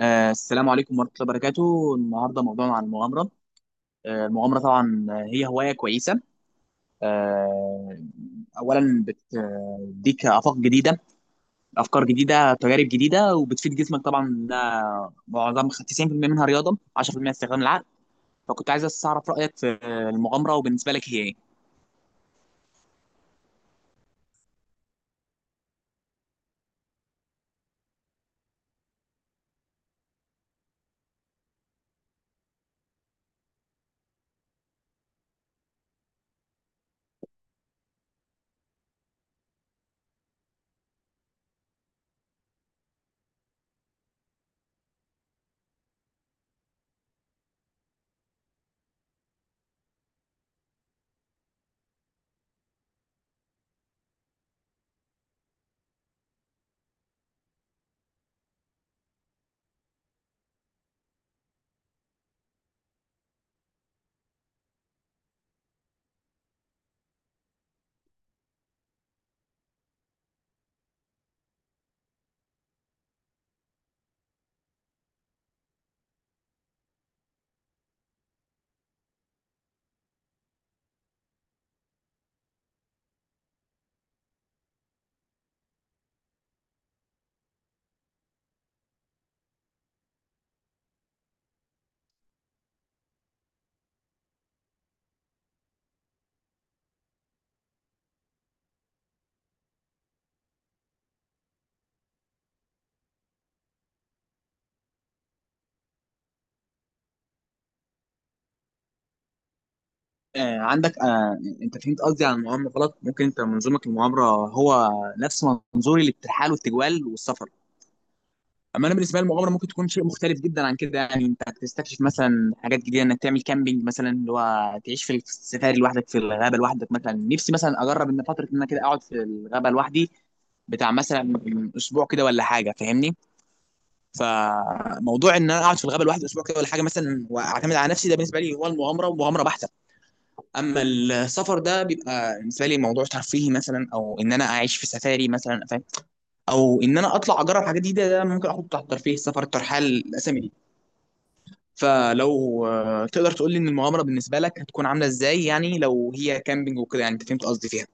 السلام عليكم ورحمة الله وبركاته، النهاردة موضوعنا عن المغامرة. المغامرة طبعا هي هواية كويسة. آه أولا بتديك آفاق جديدة، أفكار جديدة، تجارب جديدة، وبتفيد جسمك طبعا. ده معظم 90% منها رياضة، 10% استخدام العقل. فكنت عايز بس أعرف رأيك في المغامرة، وبالنسبة لك هي إيه؟ عندك، أنت فهمت قصدي عن المغامرة غلط. ممكن أنت منظورك للمغامرة هو نفس منظوري للترحال والتجوال والسفر. اما انا بالنسبه لي المغامره ممكن تكون شيء مختلف جدا عن كده. يعني انت هتستكشف مثلا حاجات جديده، انك تعمل كامبينج مثلا، اللي هو تعيش في السفاري لوحدك، في الغابه لوحدك. مثلا نفسي مثلا اجرب ان فتره ان انا كده اقعد في الغابه لوحدي، بتاع مثلا اسبوع كده ولا حاجه، فاهمني؟ فموضوع ان انا اقعد في الغابه لوحدي اسبوع كده ولا حاجه مثلا واعتمد على نفسي، ده بالنسبه لي هو المغامره، ومغامره بحته. اما السفر ده بيبقى بالنسبه لي موضوع ترفيهي مثلا، او ان انا اعيش في سفاري مثلا، او ان انا اطلع اجرب حاجات جديده، ده ممكن احطه تحت ترفيه، السفر، الترحال، الاسامي دي. فلو تقدر تقول لي ان المغامره بالنسبه لك هتكون عامله ازاي؟ يعني لو هي كامبينج وكده، يعني انت فهمت قصدي فيها.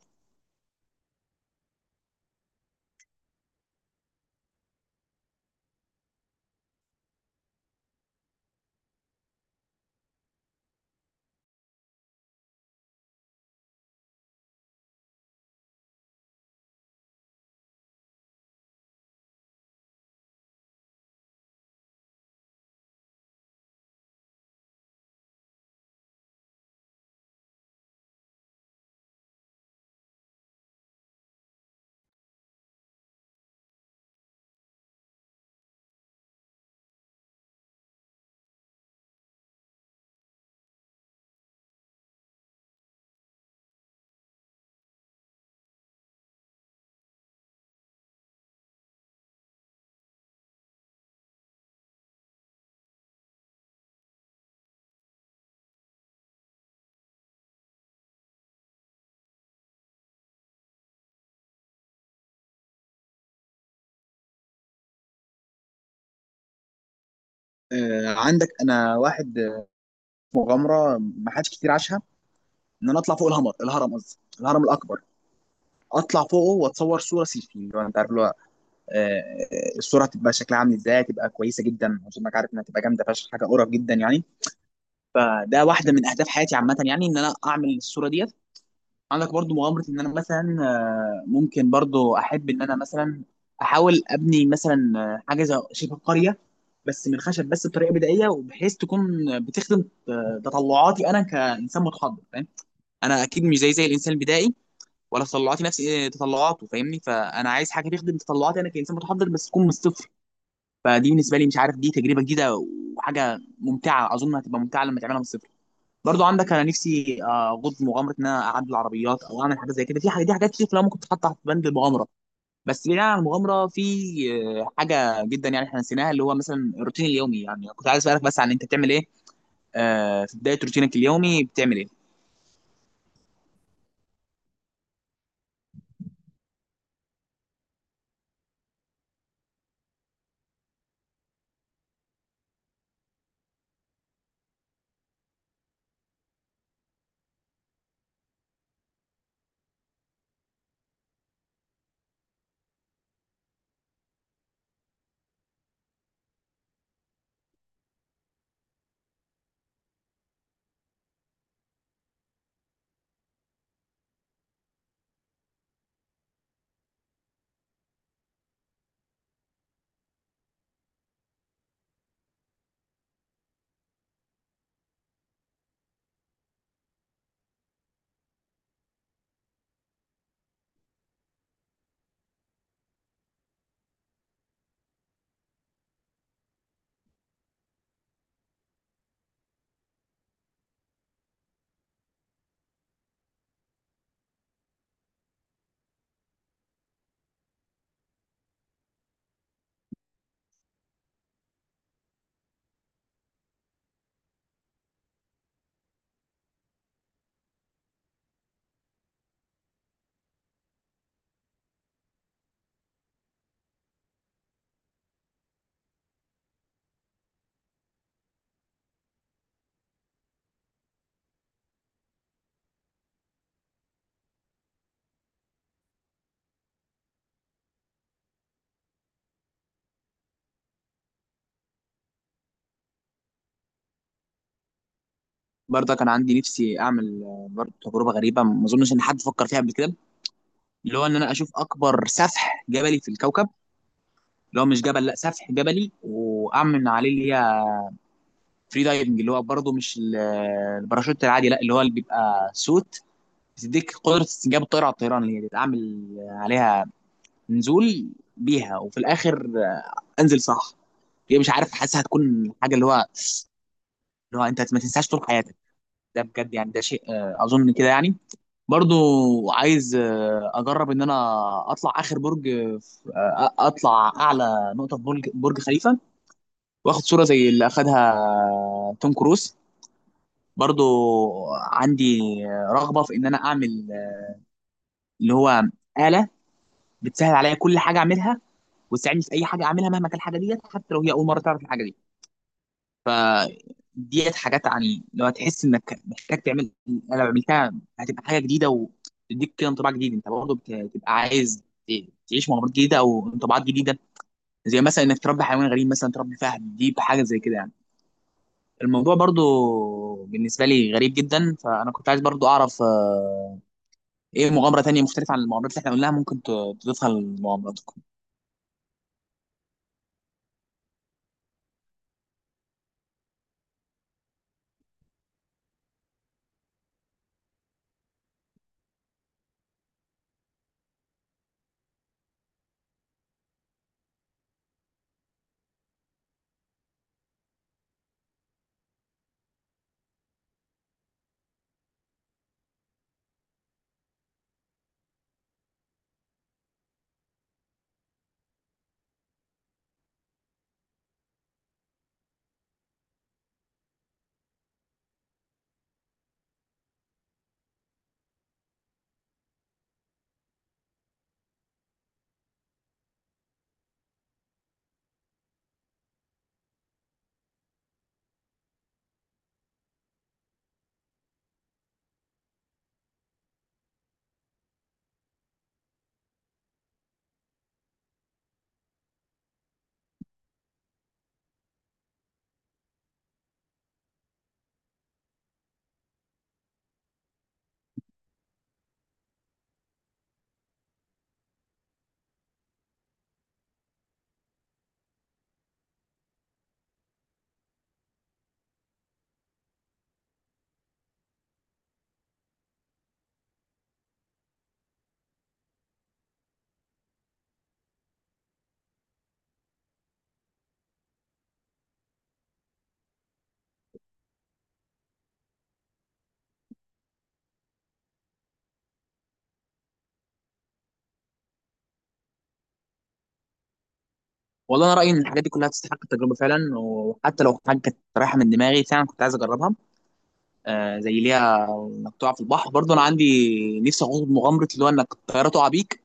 عندك انا واحد، مغامره ما حدش كتير عاشها: ان انا اطلع فوق الهرم، قصدي الهرم الاكبر، اطلع فوقه واتصور صوره سيلفي. اللي هو انت عارف اللي هو الصوره هتبقى شكلها عامل ازاي، هتبقى كويسه جدا، عشان انك عارف انها هتبقى جامده فشخ، حاجه قرف جدا يعني. فده واحده من اهداف حياتي عامه، يعني ان انا اعمل الصوره ديت. عندك برضو مغامرة ان انا مثلا ممكن برضو احب ان انا مثلا احاول ابني مثلا حاجة زي شبه قرية، بس من الخشب، بس بطريقة بدائية، وبحيث تكون بتخدم تطلعاتي انا كانسان متحضر، فاهم؟ انا اكيد مش زي الانسان البدائي، ولا تطلعاتي نفس تطلعاته، فاهمني؟ فانا عايز حاجة تخدم تطلعاتي انا كانسان متحضر، بس تكون من الصفر. فدي بالنسبة لي مش عارف، دي تجربة جديدة وحاجة ممتعة، اظن هتبقى ممتعة لما تعملها من الصفر. برضو عندك انا نفسي اغوص في مغامره ان انا اعدل العربيات، او اعمل حاجات زي كده. في حاجات دي، حاجات كتير كلها ممكن تتحط تحت بند المغامره. بس بعيدا عن المغامره، في حاجه جدا يعني احنا نسيناها، اللي هو مثلا الروتين اليومي. يعني كنت عايز اسالك بس عن، انت بتعمل ايه في بدايه روتينك اليومي، بتعمل ايه؟ برضه كان عندي نفسي اعمل برضه تجربه غريبه ما اظنش ان حد فكر فيها قبل كده، اللي هو ان انا اشوف اكبر سفح جبلي في الكوكب، اللي هو مش جبل، لا، سفح جبلي، واعمل عليه اللي هي فري دايفنج، اللي هو برضه مش الباراشوت العادي، لا، اللي هو اللي بيبقى سوت، بتديك قدره استنجاب الطائره على الطيران، اللي هي تعمل عليها نزول بيها، وفي الاخر انزل، صح؟ هي، مش عارف، حاسسها هتكون حاجه اللي هو، اللي هو انت ما تنساش طول حياتك. ده بجد يعني، ده شيء اظن كده يعني. برضو عايز اجرب ان انا اطلع اخر برج، اطلع اعلى نقطه في برج خليفه، واخد صوره زي اللي اخدها توم كروز. برضو عندي رغبه في ان انا اعمل اللي هو اله بتسهل عليا كل حاجه اعملها، وتساعدني في اي حاجه اعملها مهما كانت الحاجه ديت، حتى لو هي اول مره تعرف الحاجه دي. ف ديت حاجات يعني، لو هتحس انك محتاج تعمل، انا لو عملتها هتبقى حاجه جديده وتديك كده انطباع جديد. انت برضه بتبقى عايز تعيش مغامرات جديده او انطباعات جديده. زي مثلا انك تربي حيوان غريب، مثلا تربي فهد، دي حاجه زي كده يعني. الموضوع برضه بالنسبه لي غريب جدا. فانا كنت عايز برضه اعرف ايه مغامره تانية مختلفه عن المغامرات اللي احنا قلناها ممكن تضيفها لمغامراتكم؟ والله انا رايي ان الحاجات دي كلها تستحق التجربه فعلا، وحتى لو حاجه كانت رايحه من دماغي فعلا كنت عايز اجربها. زي ليها انك تقع في البحر. برضه انا عندي نفسي اخوض مغامره اللي هو انك الطياره تقع بيك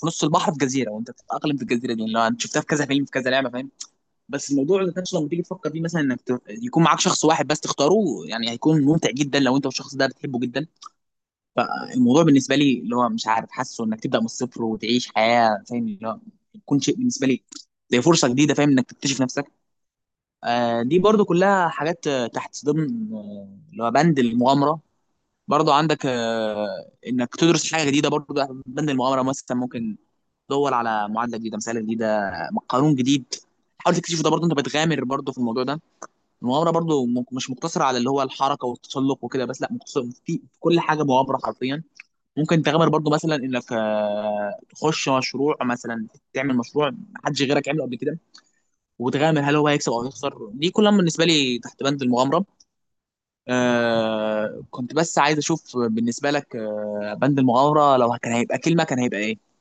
في نص البحر في جزيره، وانت بتتاقلم في الجزيره دي، اللي هو انت شفتها في كذا فيلم، في كذا لعبه، فاهم؟ بس الموضوع اللي كانش لما تيجي تفكر فيه مثلا، انك يكون معاك شخص واحد بس تختاره. يعني هيكون ممتع جدا لو انت والشخص ده بتحبه جدا. فالموضوع بالنسبه لي اللي هو مش عارف، حاسه انك تبدا من الصفر وتعيش حياه، فاهم؟ اللي هو يكون شيء بالنسبه لي زي فرصه جديده، فاهم؟ انك تكتشف نفسك. دي برضو كلها حاجات تحت ضمن اللي هو بند المغامره. برضو عندك انك تدرس حاجه جديده برضو تحت بند المغامره. مثلا ممكن تدور على معادله جديده، مساله جديده، قانون جديد، حاول تكتشفه، ده برضو انت بتغامر برضو في الموضوع ده. المغامره برضو مش مقتصره على اللي هو الحركه والتسلق وكده بس، لا، مقتصره في كل حاجه، مغامره حرفيا. ممكن تغامر برضو مثلا انك تخش مشروع مثلا، تعمل مشروع محدش غيرك عمله قبل كده، وتغامر هل هو هيكسب او هيخسر، دي كلها بالنسبه لي تحت بند المغامره. كنت بس عايز اشوف بالنسبه لك بند المغامره لو كان هيبقى كلمه، كان هيبقى ايه؟